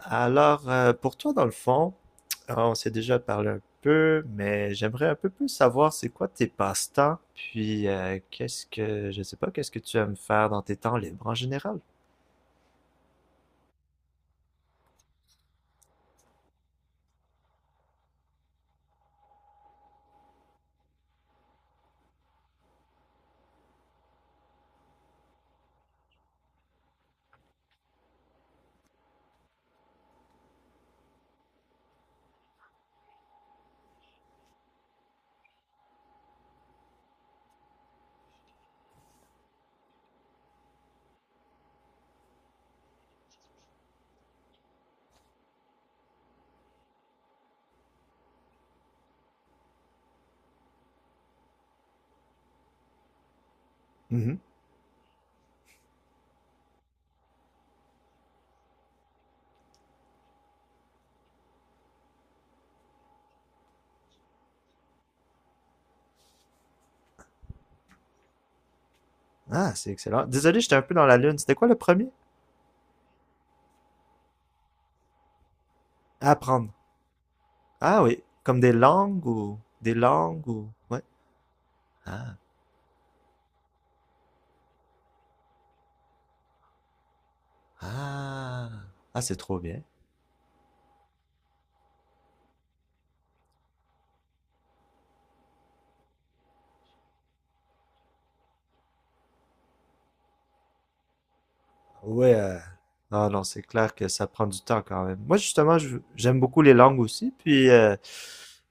Alors, pour toi, dans le fond, on s'est déjà parlé un peu, mais j'aimerais un peu plus savoir c'est quoi tes passe-temps, puis qu'est-ce que, je sais pas, qu'est-ce que tu aimes faire dans tes temps libres en général? Mhm. Ah, c'est excellent. Désolé, j'étais un peu dans la lune. C'était quoi le premier? Apprendre. Ah oui, comme des langues ou ouais. Ah, ah, ah, c'est trop bien. Ouais. euh, Non, non, c'est clair que ça prend du temps quand même. Moi, justement, j'aime beaucoup les langues aussi,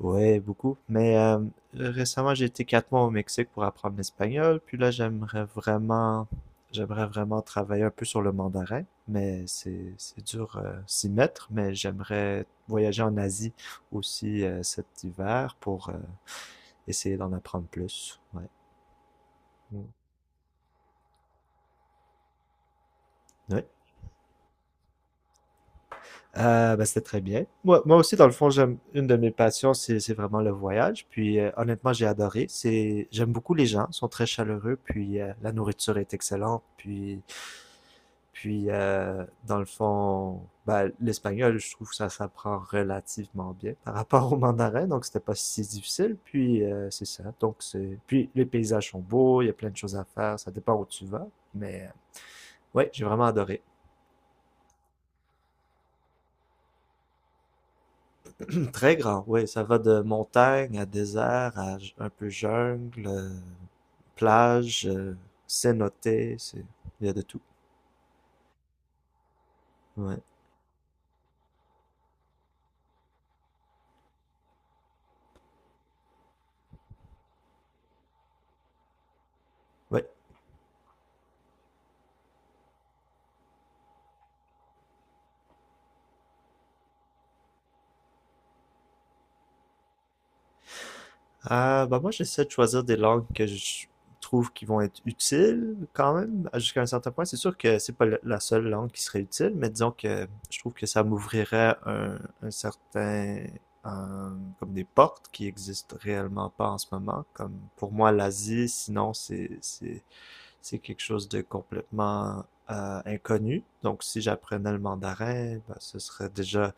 ouais, beaucoup. Mais récemment, j'ai été 4 mois au Mexique pour apprendre l'espagnol. Puis là, j'aimerais vraiment travailler un peu sur le mandarin. Mais c'est dur s'y mettre. Mais j'aimerais voyager en Asie aussi cet hiver pour essayer d'en apprendre plus. Ouais. Mm. Ouais. Ben, c'était très bien. Moi, moi aussi, dans le fond, j'aime une de mes passions, c'est vraiment le voyage. Puis honnêtement, j'ai adoré. C'est j'aime beaucoup les gens, ils sont très chaleureux. Puis la nourriture est excellente. Puis puis Dans le fond, ben, l'espagnol, je trouve que ça s'apprend relativement bien par rapport au mandarin. Donc c'était pas si difficile. Puis c'est ça. Donc c'est puis les paysages sont beaux, il y a plein de choses à faire. Ça dépend où tu vas. Mais ouais, j'ai vraiment adoré. Très grand, oui. Ça va de montagne à désert à un peu jungle, plage, cénote, c'est... Il y a de tout. Ouais. Ouais. Ah, bah moi, j'essaie de choisir des langues que je trouve qui vont être utiles quand même, jusqu'à un certain point. C'est sûr que c'est pas la seule langue qui serait utile, mais disons que je trouve que ça m'ouvrirait un certain... euh, comme des portes qui existent réellement pas en ce moment. Comme pour moi, l'Asie, sinon, c'est quelque chose de complètement inconnu. Donc, si j'apprenais le mandarin, ben, ce serait déjà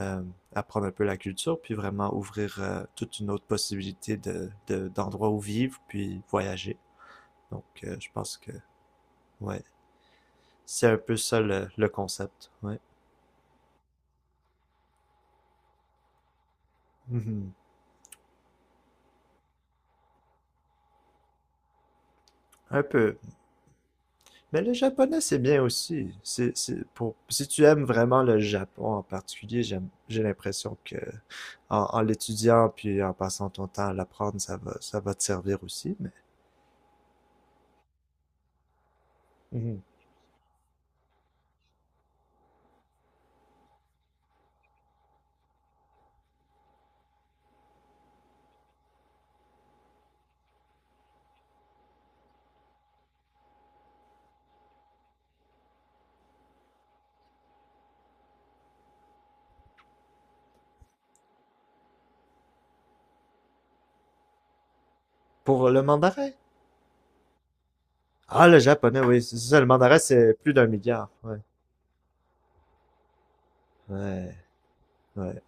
euh, apprendre un peu la culture, puis vraiment ouvrir toute une autre possibilité de, d'endroits où vivre, puis voyager. Donc, je pense que, ouais, c'est un peu ça le concept, ouais. Mhm. Un peu. Mais le japonais, c'est bien aussi. C'est pour, si tu aimes vraiment le Japon en particulier, j'aime, j'ai l'impression que en, en l'étudiant puis en passant ton temps à l'apprendre, ça va te servir aussi. Mais Mhm. pour le mandarin, ah, le japonais, oui, c'est ça. Le mandarin, c'est plus d'un milliard. Ouais, ouais, ouais.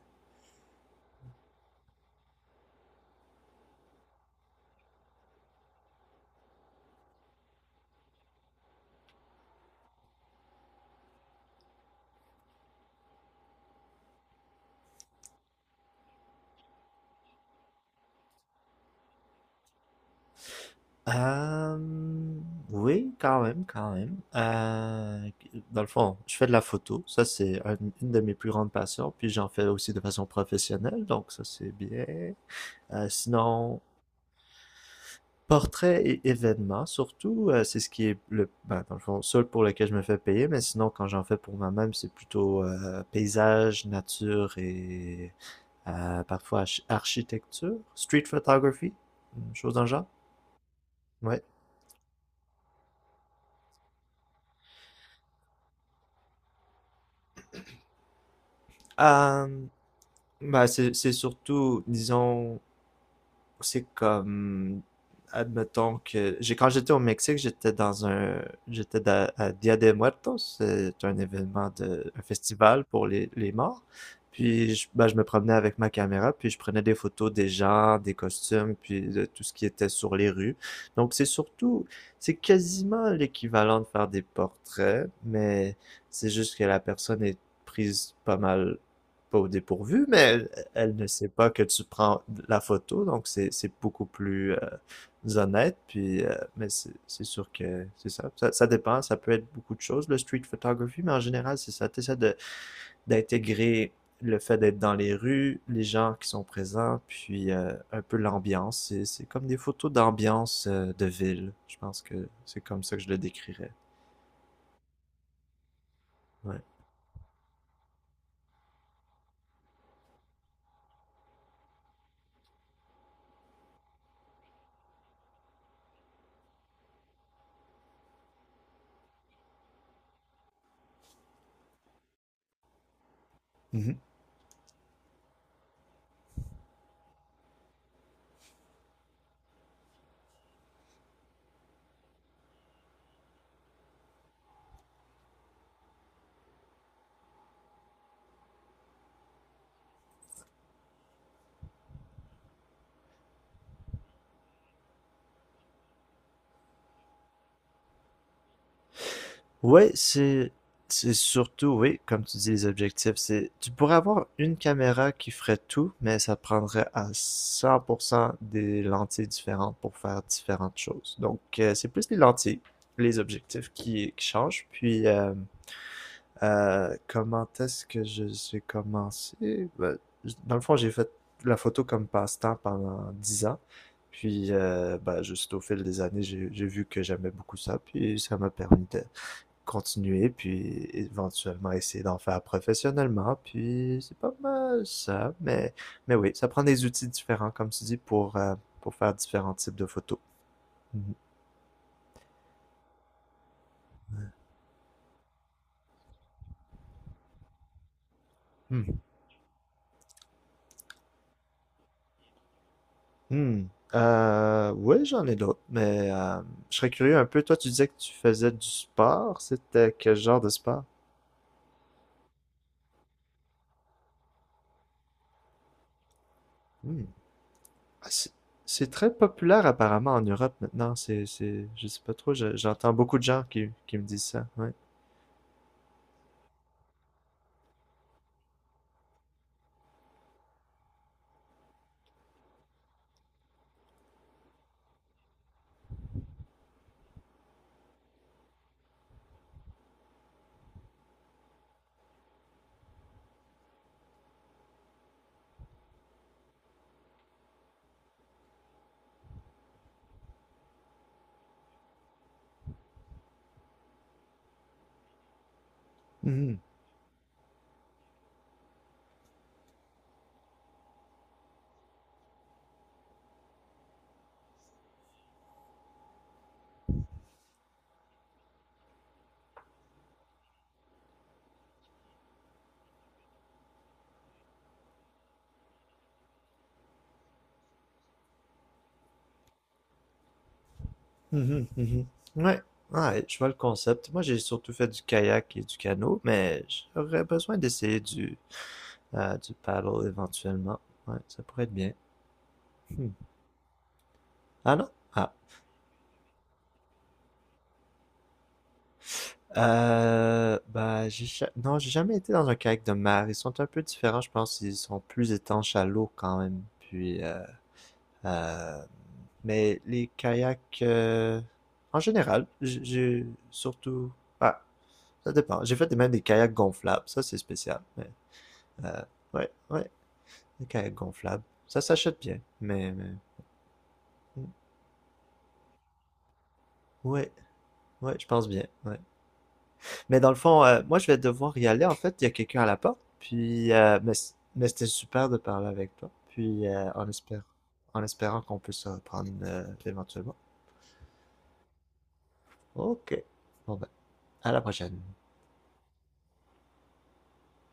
Euh, oui, quand même, quand même. Dans le fond, je fais de la photo. Ça, une de mes plus grandes passions. Puis j'en fais aussi de façon professionnelle, donc ça, c'est bien. Euh, sinon, Portraits et événements, surtout, c'est ce qui est le, ben, dans le fond, seul pour lequel je me fais payer, mais sinon, quand j'en fais pour moi-même, c'est plutôt paysage, nature et parfois architecture, street photography, une chose dans le genre. Ouais. Euh, ben, c'est surtout, disons, c'est comme, admettons que, j'ai, quand j'étais au Mexique, j'étais dans un, à Dia de Muertos, c'est un événement de, un festival pour les morts. Puis, je, ben, je me promenais avec ma caméra, puis je prenais des photos des gens, des costumes, puis de tout ce qui était sur les rues. Donc, c'est surtout, c'est quasiment l'équivalent de faire des portraits, mais c'est juste que la personne est prise pas mal, pas au dépourvu, mais elle ne sait pas que tu prends la photo, donc c'est beaucoup plus honnête. Puis, mais c'est sûr que c'est ça. Ça dépend, ça peut être beaucoup de choses, le street photography, mais en général, c'est ça. Tu essaies de d'intégrer le fait d'être dans les rues, les gens qui sont présents, puis un peu l'ambiance. C'est comme des photos d'ambiance de ville. Je pense que c'est comme ça que je le décrirais. Ouais. Mhm. Ouais, c'est surtout, oui, comme tu dis, les objectifs, c'est tu pourrais avoir une caméra qui ferait tout, mais ça prendrait à 100% des lentilles différentes pour faire différentes choses. Donc, c'est plus les lentilles, les objectifs qui changent. Puis, comment est-ce que je j'ai commencé? Ben, dans le fond, j'ai fait la photo comme passe-temps pendant 10 ans. Puis, ben, juste au fil des années, j'ai vu que j'aimais beaucoup ça. Puis, ça m'a permis de continuer, puis éventuellement essayer d'en faire professionnellement, puis c'est pas mal ça, mais oui, ça prend des outils différents, comme tu dis, pour faire différents types de photos. Mhm. Mhm. Mhm. Oui, j'en ai d'autres, mais je serais curieux un peu, toi tu disais que tu faisais du sport, c'était quel genre de sport? Hmm. Ah, c'est très populaire apparemment en Europe maintenant. C'est, je sais pas trop. J'entends beaucoup de gens qui me disent ça. Ouais. Hmm. Mhm, mhm. Ouais, ouais, je vois le concept. Moi, j'ai surtout fait du kayak et du canot, mais j'aurais besoin d'essayer du paddle éventuellement. Ouais, ça pourrait être bien. Hmm. Ah non? Ah. Bah, non, j'ai jamais été dans un kayak de mer. Ils sont un peu différents, je pense. Ils sont plus étanches à l'eau quand même. Puis, euh, mais les kayaks, en général, ah, ça dépend. J'ai fait même des kayaks gonflables, ça c'est spécial. Euh, ouais, ouais, des kayaks gonflables. Ça s'achète bien, mais... mm, ouais, ouais, je pense bien, ouais. Mais dans le fond, moi, je vais devoir y aller. En fait, il y a quelqu'un à la porte, mais c'était super de parler avec toi, puis en espérant, qu'on peut se reprendre éventuellement. Ok, bon ben, à la prochaine.